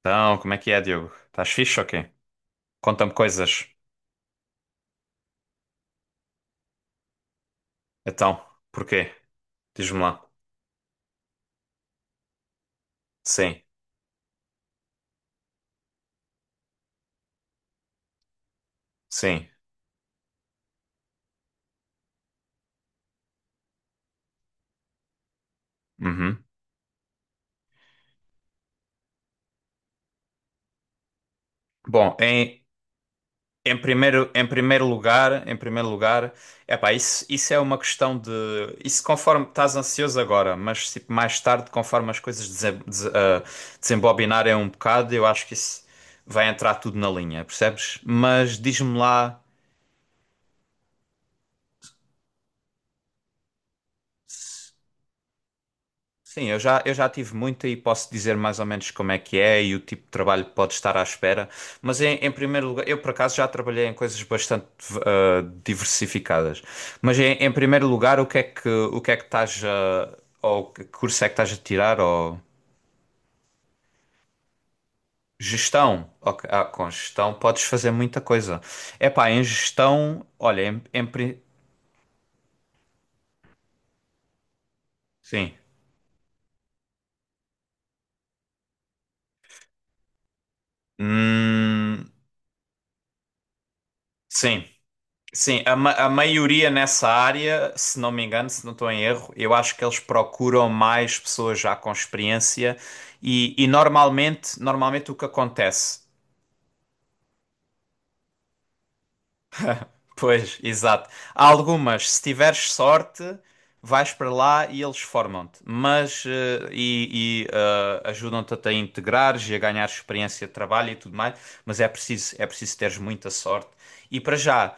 Então, como é que é, Diogo? Estás fixe ou quê? Conta-me coisas. Então, porquê? Diz-me lá. Sim, sim. Uhum. Bom, em, em primeiro lugar, epá, isso é uma questão de... Isso conforme estás ansioso agora, mas tipo, mais tarde, conforme as coisas desembobinarem um bocado, eu acho que isso vai entrar tudo na linha, percebes? Mas diz-me lá... Sim, eu já tive muita e posso dizer mais ou menos como é que é e o tipo de trabalho que pode estar à espera. Mas em primeiro lugar, eu por acaso já trabalhei em coisas bastante diversificadas. Mas em primeiro lugar, o que é que estás a, ou que curso é que estás a tirar? Ou gestão? Ok, com gestão podes fazer muita coisa. É pá, em gestão, olha, sim. Hum, sim. Sim, a maioria nessa área, se não me engano, se não estou em erro, eu acho que eles procuram mais pessoas já com experiência e, e normalmente o que acontece? Pois, exato. Há algumas, se tiveres sorte, vais para lá e eles formam-te, mas e ajudam-te a te integrares e a ganhar experiência de trabalho e tudo mais, mas é preciso teres muita sorte. E para já,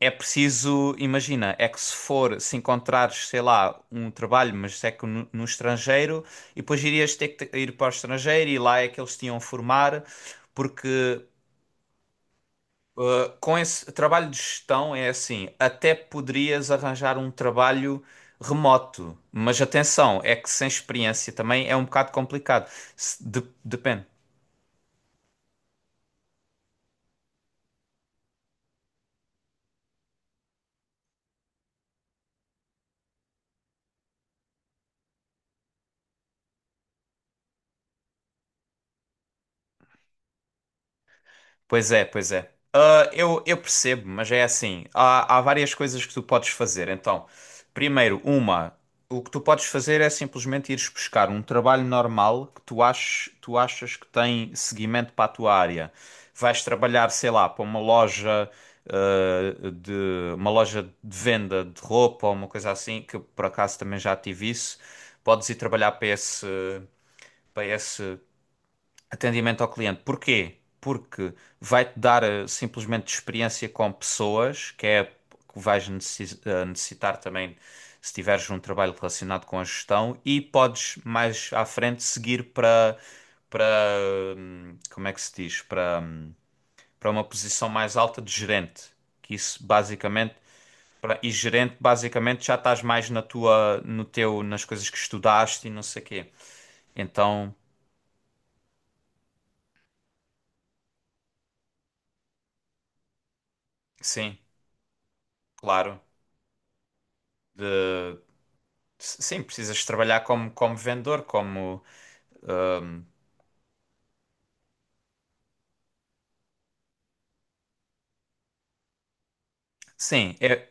é preciso, imagina, é que se for, se encontrares, sei lá, um trabalho, mas é que no estrangeiro, e depois irias ter que ir para o estrangeiro e lá é que eles te iam formar, porque com esse trabalho de gestão é assim, até poderias arranjar um trabalho remoto, mas atenção, é que sem experiência também é um bocado complicado. Depende. Pois é, pois é. Ah, eu percebo, mas é assim. Há várias coisas que tu podes fazer. Então, primeiro, uma, o que tu podes fazer é simplesmente ires buscar um trabalho normal que tu aches, tu achas que tem seguimento para a tua área. Vais trabalhar, sei lá, para uma loja, de uma loja de venda de roupa ou uma coisa assim, que eu, por acaso também já tive isso. Podes ir trabalhar para esse atendimento ao cliente. Porquê? Porque vai-te dar simplesmente experiência com pessoas, que é que vais necessitar também se tiveres um trabalho relacionado com a gestão e podes mais à frente seguir para para como é que se diz? Para para uma posição mais alta de gerente. Que isso basicamente e gerente basicamente já estás mais na tua no teu nas coisas que estudaste e não sei quê. Então, sim, claro. De Sim, precisas trabalhar como, como vendedor, como. Sim, é.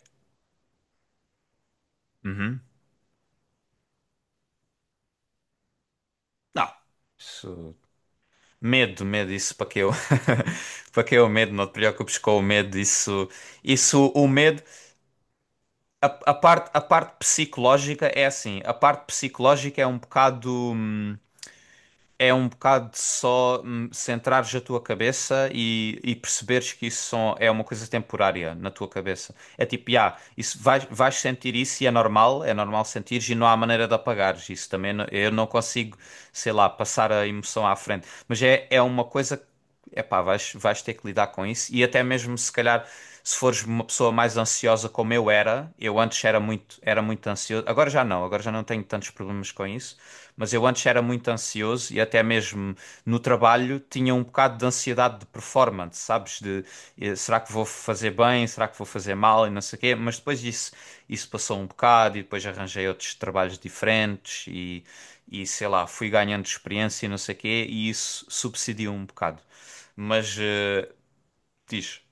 Uhum. Não. Isso... Medo, medo, isso para que eu. Para que eu medo, não te preocupes com o medo, isso. Isso, o medo. A parte psicológica é assim. A parte psicológica é um bocado. É um bocado de só centrares a tua cabeça e perceberes que isso só é uma coisa temporária na tua cabeça. É tipo, ah, isso vais, vais sentir isso e é normal sentires e não há maneira de apagares isso também. Eu não consigo, sei lá, passar a emoção à frente. Mas é, é uma coisa que Epá, vais, vais ter que lidar com isso. E até mesmo se calhar, se fores uma pessoa mais ansiosa como eu era, eu antes era muito ansioso. Agora já não tenho tantos problemas com isso. Mas eu antes era muito ansioso e até mesmo no trabalho tinha um bocado de ansiedade de performance, sabes? De será que vou fazer bem, será que vou fazer mal e não sei o quê. Mas depois isso passou um bocado e depois arranjei outros trabalhos diferentes e sei lá, fui ganhando experiência e não sei o quê e isso subsidiou um bocado. Mas diz,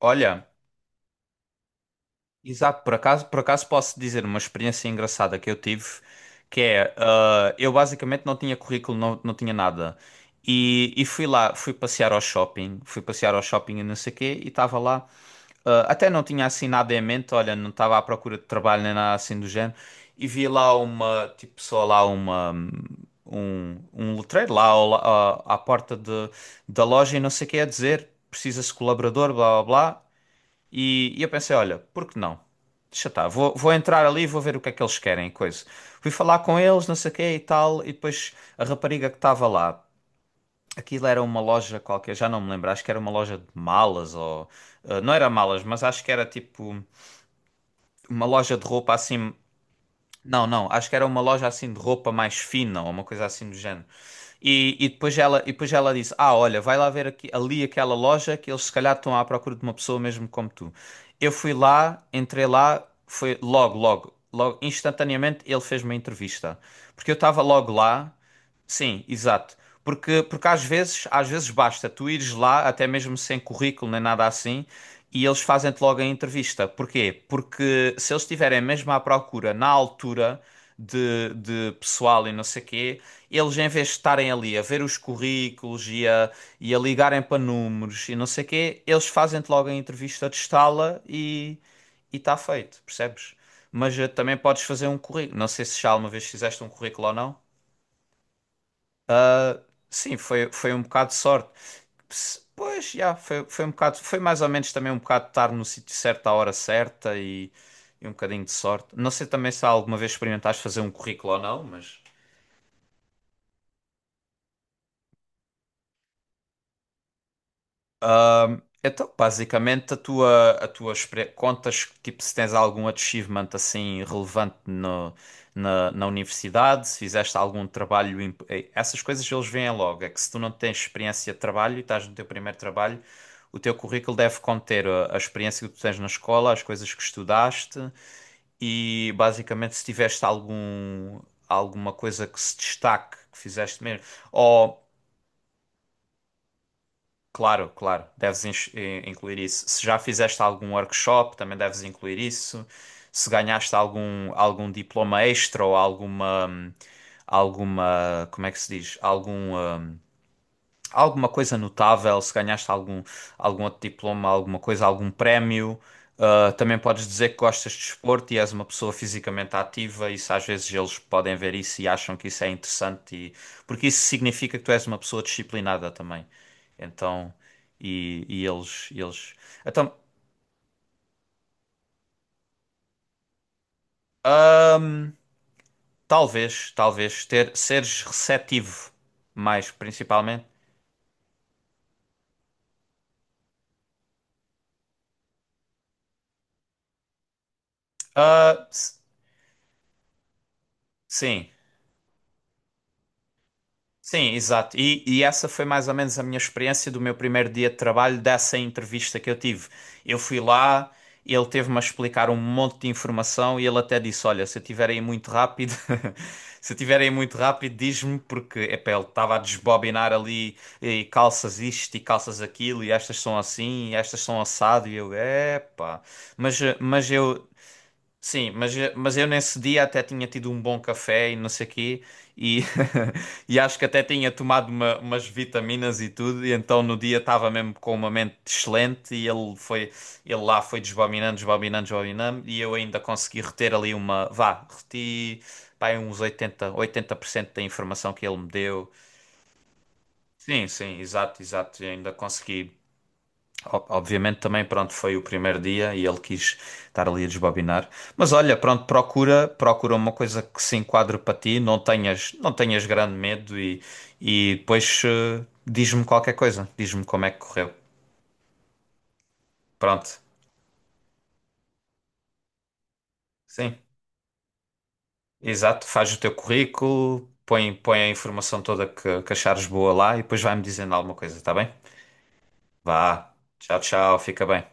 olha. Exato, por acaso posso dizer uma experiência engraçada que eu tive, que é, eu basicamente não tinha currículo, não tinha nada, e fui lá, fui passear ao shopping e não sei o quê, e estava lá, até não tinha assim nada em mente, olha, não estava à procura de trabalho nem nada assim do género, e vi lá uma, tipo, só lá uma, um letreiro lá ao à porta de, da loja e não sei o quê a dizer, precisa-se de colaborador, blá blá blá, e eu pensei, olha, por que não? Deixa estar, vou, vou entrar ali e vou ver o que é que eles querem, e coisa. Fui falar com eles, não sei o quê e tal, e depois a rapariga que estava lá, aquilo era uma loja qualquer, já não me lembro, acho que era uma loja de malas ou... não era malas, mas acho que era tipo uma loja de roupa assim... Não, não, acho que era uma loja assim de roupa mais fina ou uma coisa assim do género. E, e depois ela disse: "Ah, olha, vai lá ver ali aquela loja que eles se calhar estão à procura de uma pessoa mesmo como tu." Eu fui lá, entrei lá, foi logo, logo, logo, instantaneamente ele fez uma entrevista. Porque eu estava logo lá. Sim, exato. Porque, porque às vezes basta tu ires lá, até mesmo sem currículo nem nada assim, e eles fazem-te logo a entrevista. Porquê? Porque se eles estiverem mesmo à procura na altura de pessoal e não sei quê eles em vez de estarem ali a ver os currículos e a ligarem para números e não sei o quê, eles fazem-te logo a entrevista de estala e está feito, percebes? Mas também podes fazer um currículo. Não sei se já alguma vez fizeste um currículo ou não. Sim, foi, foi um bocado de sorte. Pois, já, foi, foi um bocado, foi mais ou menos também um bocado de estar no sítio certo à hora certa e um bocadinho de sorte. Não sei também se alguma vez experimentaste fazer um currículo ou não, mas. Então, basicamente, a tua contas, tipo, se tens algum achievement assim relevante no, na universidade, se fizeste algum trabalho, essas coisas eles veem logo. É que se tu não tens experiência de trabalho e estás no teu primeiro trabalho, o teu currículo deve conter a experiência que tu tens na escola, as coisas que estudaste e, basicamente, se tiveste algum, alguma coisa que se destaque, que fizeste mesmo. Claro, claro, deves incluir isso. Se já fizeste algum workshop, também deves incluir isso. Se ganhaste algum, algum diploma extra ou alguma, alguma, como é que se diz? Algum, alguma coisa notável, se ganhaste algum, algum outro diploma, alguma coisa, algum prémio. Também podes dizer que gostas de desporto e és uma pessoa fisicamente ativa, isso às vezes eles podem ver isso e acham que isso é interessante, e... porque isso significa que tu és uma pessoa disciplinada também. Então, e eles, eles. Então, talvez ter, seres receptivo mais, principalmente. Ah, s- sim. Sim, exato. E essa foi mais ou menos a minha experiência do meu primeiro dia de trabalho, dessa entrevista que eu tive. Eu fui lá, ele teve-me a explicar um monte de informação e ele até disse: "Olha, se eu tiver aí muito rápido, se eu tiver aí muito rápido, diz-me", porque epá, ele estava a desbobinar ali e calças isto e calças aquilo, e estas são assim, e estas são assado, e eu, epá. Mas, sim, mas eu nesse dia até tinha tido um bom café e não sei quê, e, e acho que até tinha tomado umas vitaminas e tudo, e então no dia estava mesmo com uma mente excelente e ele foi, ele lá foi desbobinando, desbobinando, desbobinando, e eu ainda consegui reter ali uma, vá, reti, pá, uns oitenta por cento da informação que ele me deu. Sim, sim, exato, exato, eu ainda consegui. Obviamente também, pronto, foi o primeiro dia e ele quis estar ali a desbobinar. Mas olha, pronto, procura, procura uma coisa que se enquadre para ti, não tenhas, não tenhas grande medo e depois diz-me qualquer coisa, diz-me como é que correu. Pronto, sim, exato, faz o teu currículo, põe, põe a informação toda que achares boa lá e depois vai-me dizendo alguma coisa, tá bem? Vá, tchau, tchau, fica bem.